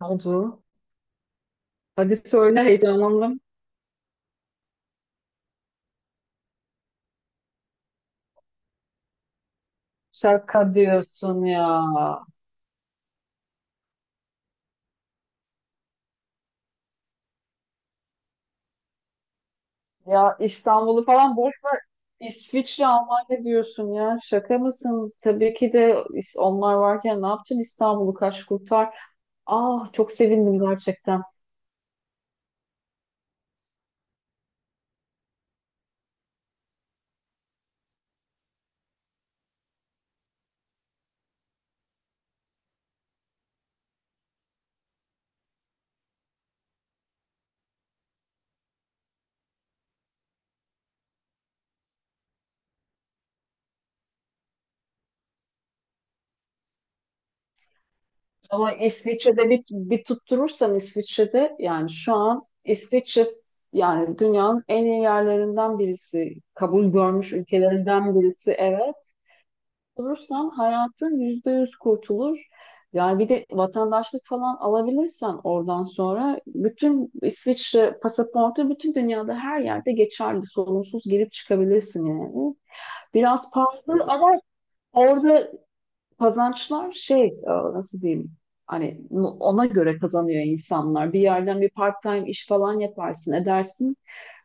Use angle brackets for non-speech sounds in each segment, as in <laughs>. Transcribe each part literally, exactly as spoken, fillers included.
Oldu. Hadi söyle heyecanlandım. Şaka diyorsun ya. Ya İstanbul'u falan boş ver. İsviçre, Almanya diyorsun ya. Şaka mısın? Tabii ki de is- onlar varken ne yapacaksın İstanbul'u kaç kurtar. Ah çok sevindim gerçekten. Ama İsviçre'de bir, bir tutturursan İsviçre'de yani şu an İsviçre yani dünyanın en iyi yerlerinden birisi. Kabul görmüş ülkelerinden birisi evet. Kurursan hayatın yüzde yüz kurtulur. Yani bir de vatandaşlık falan alabilirsen oradan sonra bütün İsviçre pasaportu bütün dünyada her yerde geçerli. Sorunsuz girip çıkabilirsin yani. Biraz pahalı ama orada kazançlar şey e, nasıl diyeyim hani n- ona göre kazanıyor insanlar. Bir yerden bir part-time iş falan yaparsın edersin.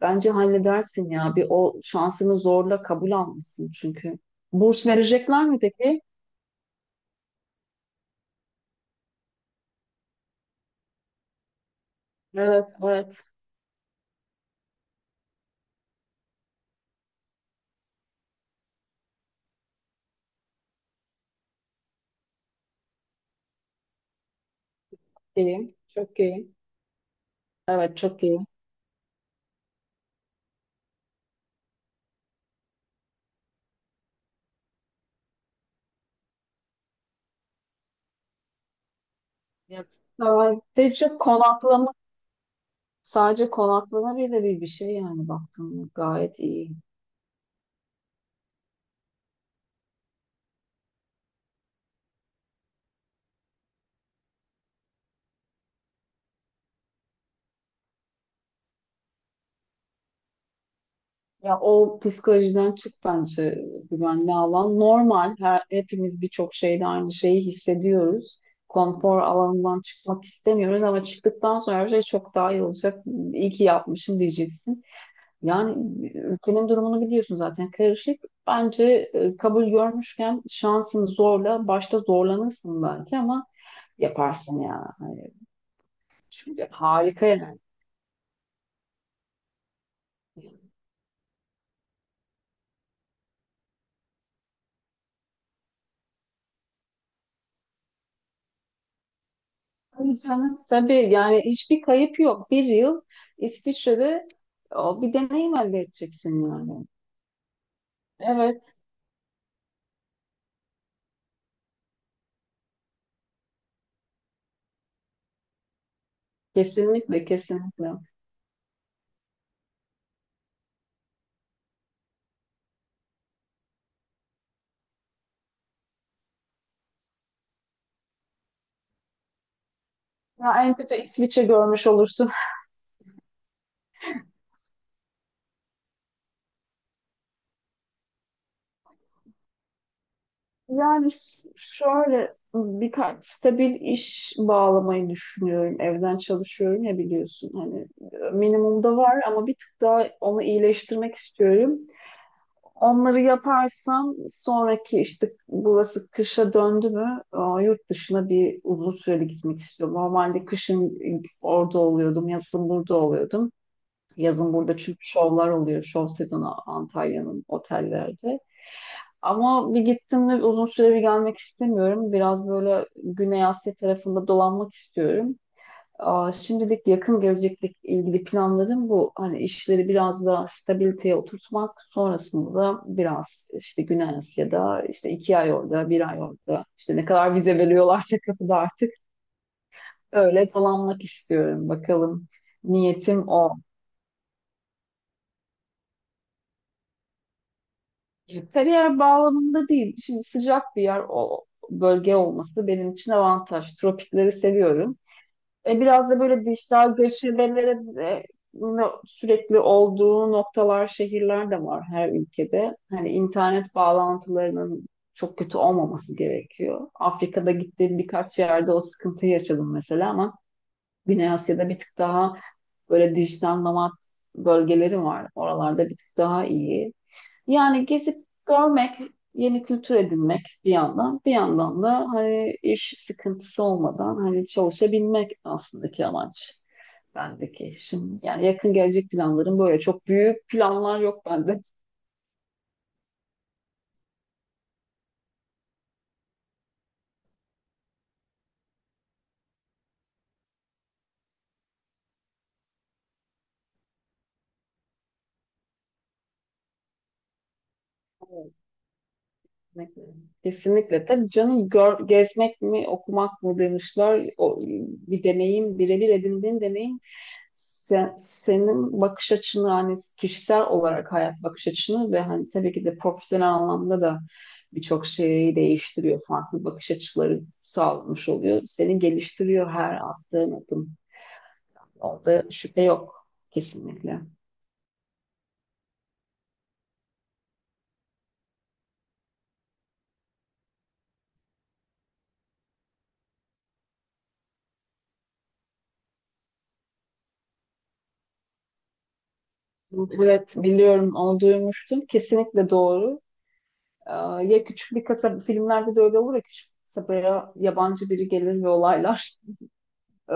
Bence halledersin ya. Bir o şansını zorla kabul almışsın çünkü. Burs verecekler mi peki? Evet, evet. İyiyim. Çok iyiyim. Evet, çok iyiyim. Ya sadece konaklama, sadece konaklama bile bir, bir şey yani baktığımda gayet iyi. Ya o psikolojiden çık bence güvenli alan. Normal, her, hepimiz birçok şeyde aynı şeyi hissediyoruz. Konfor alanından çıkmak istemiyoruz ama çıktıktan sonra her şey çok daha iyi olacak. İyi ki yapmışım diyeceksin. Yani ülkenin durumunu biliyorsun zaten karışık. Bence e, kabul görmüşken şansını zorla. Başta zorlanırsın belki ama yaparsın ya. Hani çünkü harika yani. Tabii canım. Tabii yani hiçbir kayıp yok. Bir yıl İsviçre'de o, bir deneyim elde edeceksin yani. Evet, kesinlikle kesinlikle. Ya en kötü İsviçre görmüş olursun. Yani s- şöyle birkaç stabil iş bağlamayı düşünüyorum. Evden çalışıyorum ya biliyorsun. Hani minimumda var ama bir tık daha onu iyileştirmek istiyorum. Onları yaparsam sonraki işte burası kışa döndü mü, aa, yurt dışına bir uzun süreli gitmek istiyorum. Normalde kışın orada oluyordum, yazın burada oluyordum. Yazın burada çünkü şovlar oluyor. Şov sezonu Antalya'nın otellerde. Ama bir gittim de uzun süre bir gelmek istemiyorum. Biraz böyle Güney Asya tarafında dolanmak istiyorum. Aa, şimdilik yakın gelecekle ilgili planlarım bu. Hani işleri biraz daha stabiliteye oturtmak. Sonrasında da biraz işte Güney Asya'da işte iki ay orada, bir ay orada. İşte ne kadar vize veriyorlarsa kapıda artık öyle dolanmak istiyorum. Bakalım niyetim o. E, Kariyer bağlamında değil. Şimdi sıcak bir yer o bölge olması benim için avantaj. Tropikleri seviyorum. E, biraz da böyle dijital göçebelere de no- sürekli olduğu noktalar, şehirler de var her ülkede. Hani internet bağlantılarının çok kötü olmaması gerekiyor. Afrika'da gittiğim birkaç yerde o sıkıntıyı yaşadım mesela, ama Güney Asya'da bir tık daha böyle dijital nomad bölgeleri var. Oralarda bir tık daha iyi. Yani gezip görmek, yeni kültür edinmek bir yandan, bir yandan da hani iş sıkıntısı olmadan hani çalışabilmek aslında ki amaç bendeki. Şimdi yani yakın gelecek planlarım böyle çok büyük planlar yok bende. Kesinlikle. Tabii canım, gör- gezmek mi, okumak mı demişler. O, bir deneyim, birebir edindiğin deneyim sen- senin bakış açını hani kişisel olarak hayat bakış açını ve hani tabii ki de profesyonel anlamda da birçok şeyi değiştiriyor. Farklı bakış açıları sağlamış oluyor. Seni geliştiriyor her attığın adım. Orada şüphe yok kesinlikle. Evet biliyorum, onu duymuştum. Kesinlikle doğru. Ee, Ya küçük bir kasaba, filmlerde de öyle olur ya, küçük bir kasabaya yabancı biri gelir ve olaylar <laughs> e,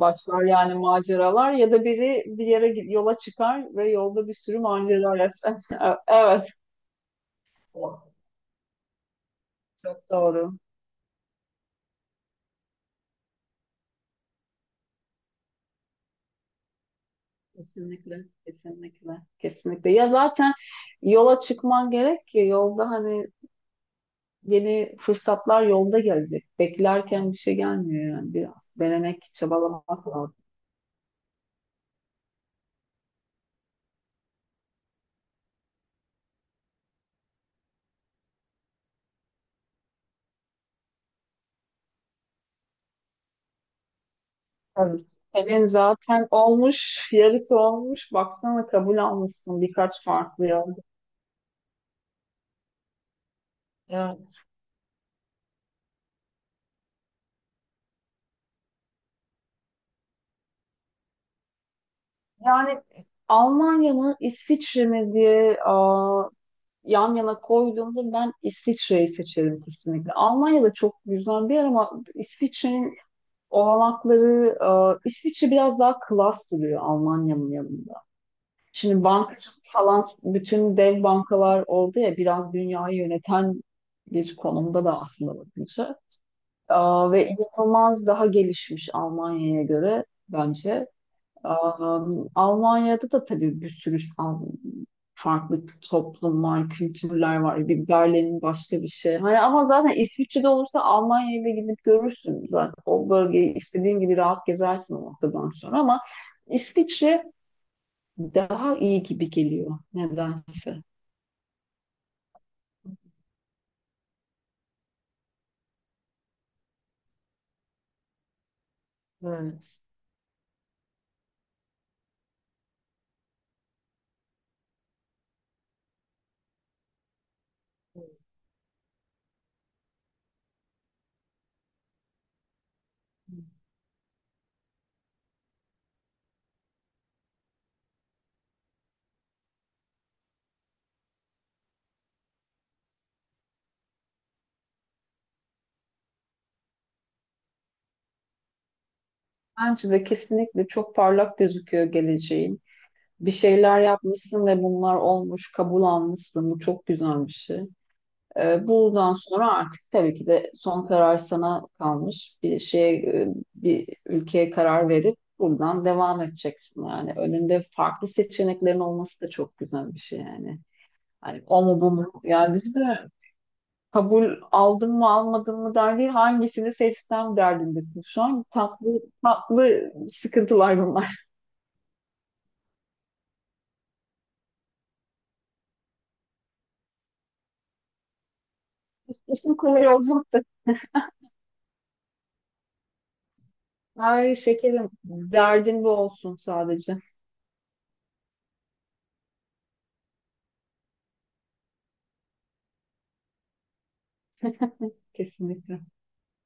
başlar yani maceralar, ya da biri bir yere gi- yola çıkar ve yolda bir sürü macera yaşar. <laughs> Evet, çok doğru. Kesinlikle, kesinlikle, kesinlikle. Ya zaten yola çıkman gerek ki yolda hani yeni fırsatlar yolda gelecek. Beklerken bir şey gelmiyor yani biraz. Denemek, çabalamak lazım. Yani senin zaten olmuş, yarısı olmuş. Baksana, kabul almışsın birkaç farklı yol. Yani Yani Almanya mı, İsviçre mi diye, aa, yan yana koyduğumda ben İsviçre'yi seçerim kesinlikle. Almanya da çok güzel bir yer ama İsviçre'nin olanakları, aa, İsviçre biraz daha klas duruyor Almanya'nın yanında. Şimdi bankacılık falan bütün dev bankalar oldu ya, biraz dünyayı yöneten bir konumda da aslında bakınca. Aa, ve inanılmaz daha gelişmiş Almanya'ya göre bence. Aa, Almanya'da da tabii bir sürü an farklı toplumlar, kültürler var. Bir Berlin başka bir şey. Hani ama zaten İsviçre'de olursa Almanya'ya da gidip görürsün zaten. O bölgeyi istediğin gibi rahat gezersin o noktadan sonra, ama İsviçre daha iyi gibi geliyor nedense. Evet. Bence de kesinlikle çok parlak gözüküyor geleceği. Bir şeyler yapmışsın ve bunlar olmuş, kabul almışsın. Bu çok güzel bir şey. Ee, bundan sonra artık tabii ki de son karar sana kalmış. Bir şeye, e, bir ülkeye karar verip buradan devam edeceksin yani. Önünde farklı seçeneklerin olması da çok güzel bir şey yani. Hani o mu bu mu? Yani düşünsene, kabul aldım mı almadım mı der değil, hangisini seçsem derdindesin. Şu an tatlı tatlı sıkıntılar bunlar. <laughs> İşin kolay olacak. Ay şekerim, derdin bu olsun sadece. Kesinlikle.